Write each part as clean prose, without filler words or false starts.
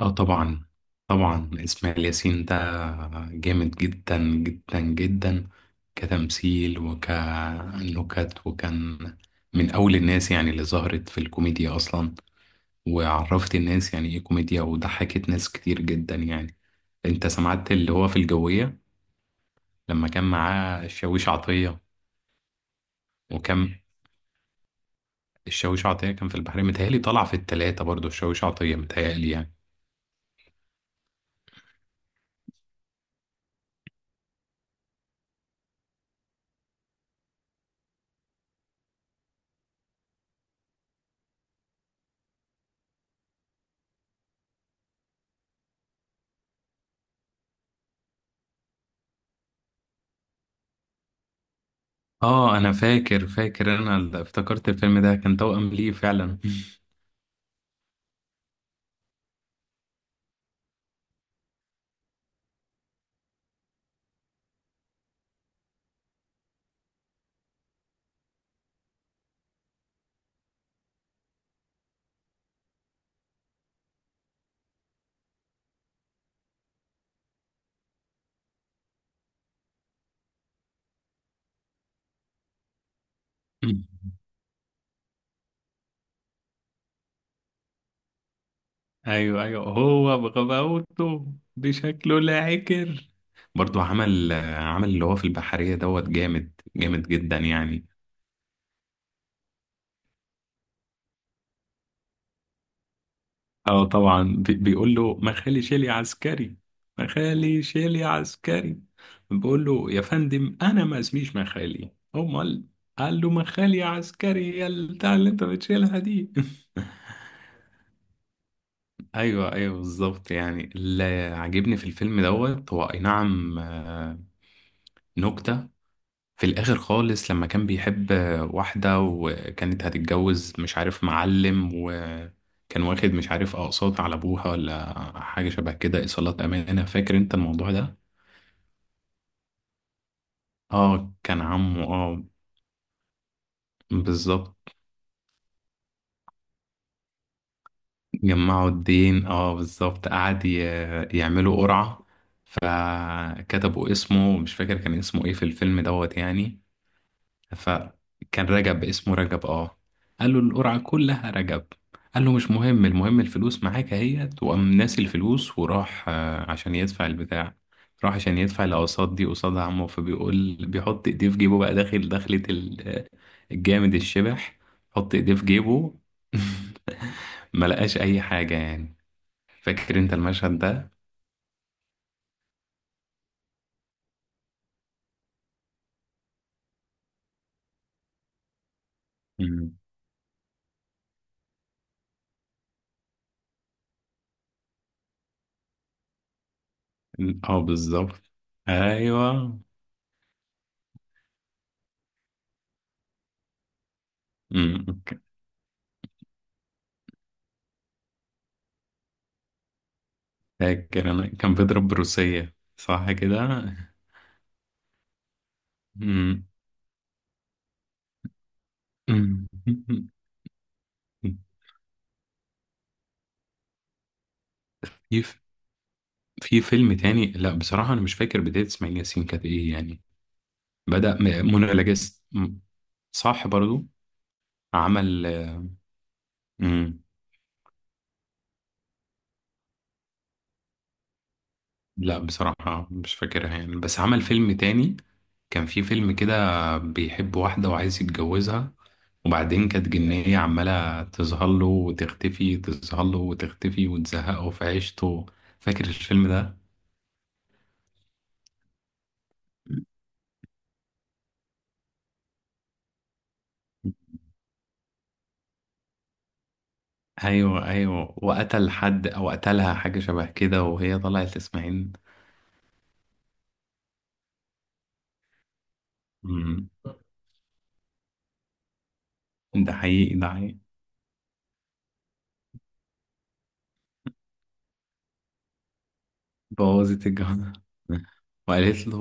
اه طبعا. طبعا اسماعيل ياسين ده جامد جدا جدا جدا، كتمثيل وكنكت. وكان من اول الناس، يعني اللي ظهرت في الكوميديا اصلا، وعرفت الناس يعني ايه كوميديا، وضحكت ناس كتير جدا يعني. انت سمعت اللي هو في الجوية لما كان معاه الشاويش عطية؟ وكان الشاويش عطية كان في البحرية، متهيألي طلع في التلاتة برضو الشاويش عطية متهيألي يعني. اه انا فاكر افتكرت الفيلم ده كان توأم ليه فعلا ايوه، ايوه، هو بغباوته بشكله لا عكر. برضو عمل اللي هو في البحرية دوت جامد جامد جدا يعني. اه طبعا. بيقول له ما خالي شيلي عسكري. ما خالي شيلي عسكري. بيقول له يا فندم انا ما اسميش مخالي، امال؟ قال له مخالي عسكري يا البتاع اللي انت بتشيلها دي ايوه، ايوه، بالظبط يعني. اللي عاجبني في الفيلم دوت هو اي نعم، نكتة في الآخر خالص، لما كان بيحب واحدة وكانت هتتجوز مش عارف معلم، وكان واخد مش عارف أقساط على أبوها ولا حاجة شبه كده، إيصالات أمانة. فاكر أنت الموضوع ده؟ آه كان عمه آه. بالظبط. جمعوا الدين آه، بالظبط. قعد يعملوا قرعة، فكتبوا اسمه. مش فاكر كان اسمه إيه في الفيلم دوت يعني. فكان رجب، اسمه رجب اه. قال له القرعة كلها رجب. قال له مش مهم، المهم الفلوس معاك اهيت. وقام ناسي الفلوس، وراح عشان يدفع البتاع. راح عشان يدفع الأقساط دي قصاد عمه. فبيقول بيحط ايديه في جيبه بقى، داخل دخلة الجامد الشبح. حط ايديه في جيبه ما لقاش اي حاجة يعني. فاكر انت المشهد ده؟ مم. اه، بالظبط. ايوه. مم. فاكر انا كان بيضرب بروسية، صح كده. مم. مم. في في فيلم تاني. لا بصراحة انا مش فاكر بداية اسماعيل ياسين كانت ايه يعني. بدأ منى لجست. مم. صح برضو عمل. مم. لا بصراحة مش فاكرها يعني، بس عمل فيلم تاني. كان في فيلم كده بيحب واحدة وعايز يتجوزها، وبعدين كانت جنية عمالة تظهر له وتختفي، تظهر له وتختفي، وتزهقه في عيشته. فاكر الفيلم ده؟ ايوه، ايوه، وقتل حد او قتلها حاجه شبه كده، وهي طلعت لاسماعيل. أمم، ده حقيقي، ده حقيقي. بوظت الجو وقالت له.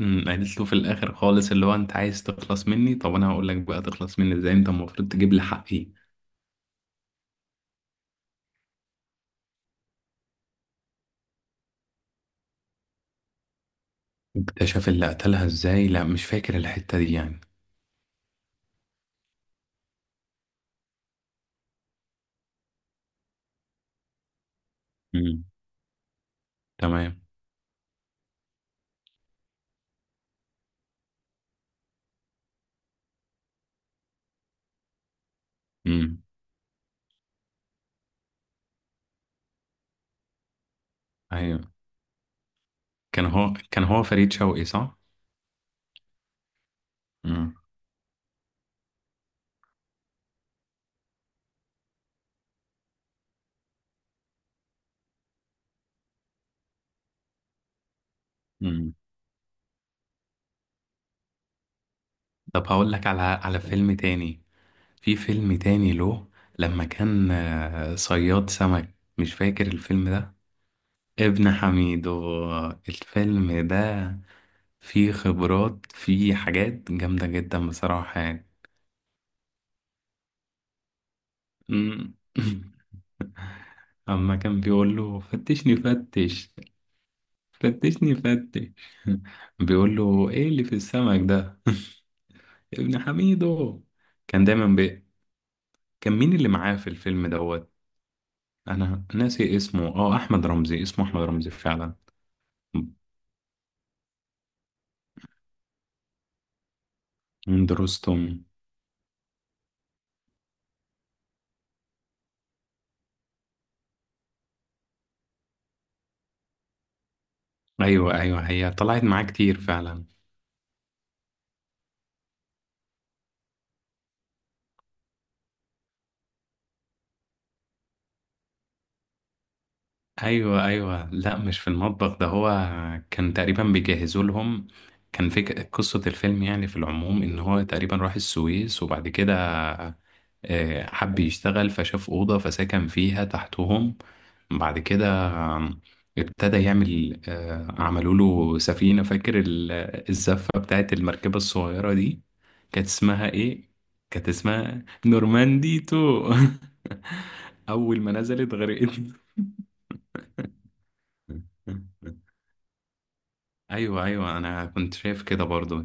قالت له في الاخر خالص، اللي هو انت عايز تخلص مني؟ طب انا هقول لك بقى تخلص مني ازاي. انت المفروض تجيب لي حقي. اكتشف اللي قتلها ازاي؟ لا مش فاكر الحته دي يعني. أمم، تمام. أمم، ايوه. كان هو فريد شوقي صح. أمم. أمم. طب هقول لك على فيلم تاني. في فيلم تاني له، لما كان صياد سمك. مش فاكر الفيلم ده. ابن حميد الفيلم ده فيه خبرات، فيه حاجات جامدة جدا بصراحة يعني. مم. أما كان بيقول له فتشني فتش. فتشني فتش بيقول له ايه اللي في السمك ده ابن حميدو. كان دايما كان مين اللي معاه في الفيلم دوت؟ انا ناسي اسمه، اه احمد رمزي، اسمه احمد رمزي فعلا. درستم. ايوه، ايوه، هي طلعت معاه كتير فعلا. ايوه، ايوه، لا مش في المطبخ ده هو. كان تقريبا بيجهزوا لهم. كان في قصة الفيلم يعني في العموم، ان هو تقريبا راح السويس، وبعد كده حب يشتغل فشاف أوضة فسكن فيها تحتهم. بعد كده آم، ابتدى يعمل، عملوا له سفينة. فاكر الزفة بتاعت المركبة الصغيرة دي؟ كانت اسمها ايه؟ كانت اسمها نورماندي تو اول ما نزلت غرقت. ايوه، ايوه، انا كنت شايف كده برضو.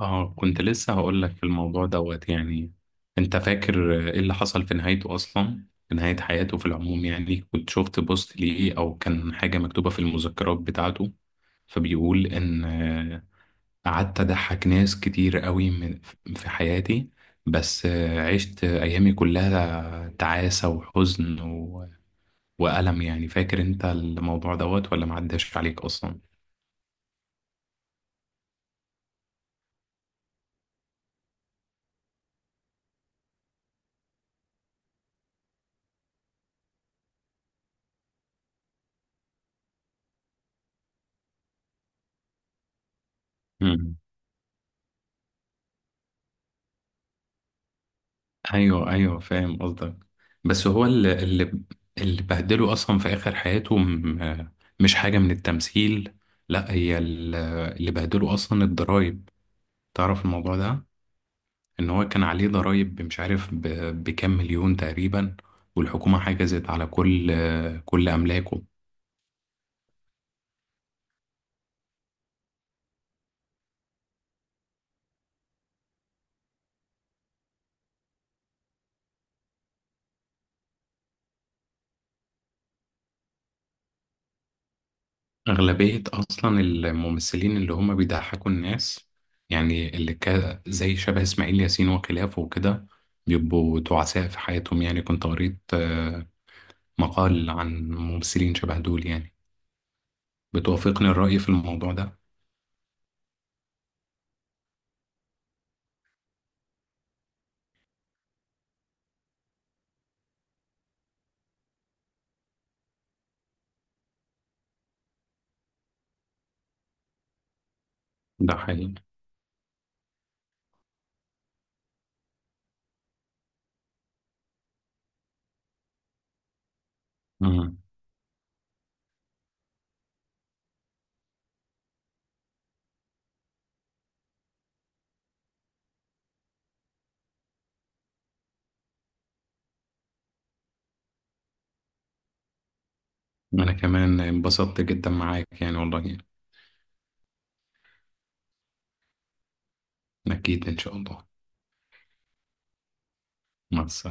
اه، كنت لسه هقول لك الموضوع دوت يعني. انت فاكر ايه اللي حصل في نهايته اصلا، في نهاية حياته في العموم يعني؟ كنت شفت بوست ليه او كان حاجة مكتوبة في المذكرات بتاعته، فبيقول ان قعدت أضحك ناس كتير قوي من في حياتي، بس عشت أيامي كلها تعاسة، وحزن وألم يعني. فاكر أنت الموضوع دوت ولا معداش عليك أصلا؟ مم. أيوه، أيوه، فاهم قصدك. بس هو اللي بهدله أصلا في آخر حياته، مش حاجة من التمثيل. لا هي اللي بهدله أصلا الضرايب. تعرف الموضوع ده؟ ان هو كان عليه ضرائب مش عارف بكام مليون تقريبا، والحكومة حجزت على كل املاكه. اغلبية اصلا الممثلين اللي هم بيضحكوا الناس، يعني اللي زي شبه اسماعيل ياسين وخلافه وكده، بيبقوا تعساء في حياتهم يعني. كنت قريت مقال عن ممثلين شبه دول يعني. بتوافقني الرأي في الموضوع ده؟ ده حقيقي. مم. انا كمان انبسطت جدا معاك يعني والله. اكيد ان شاء الله. مع السلامة.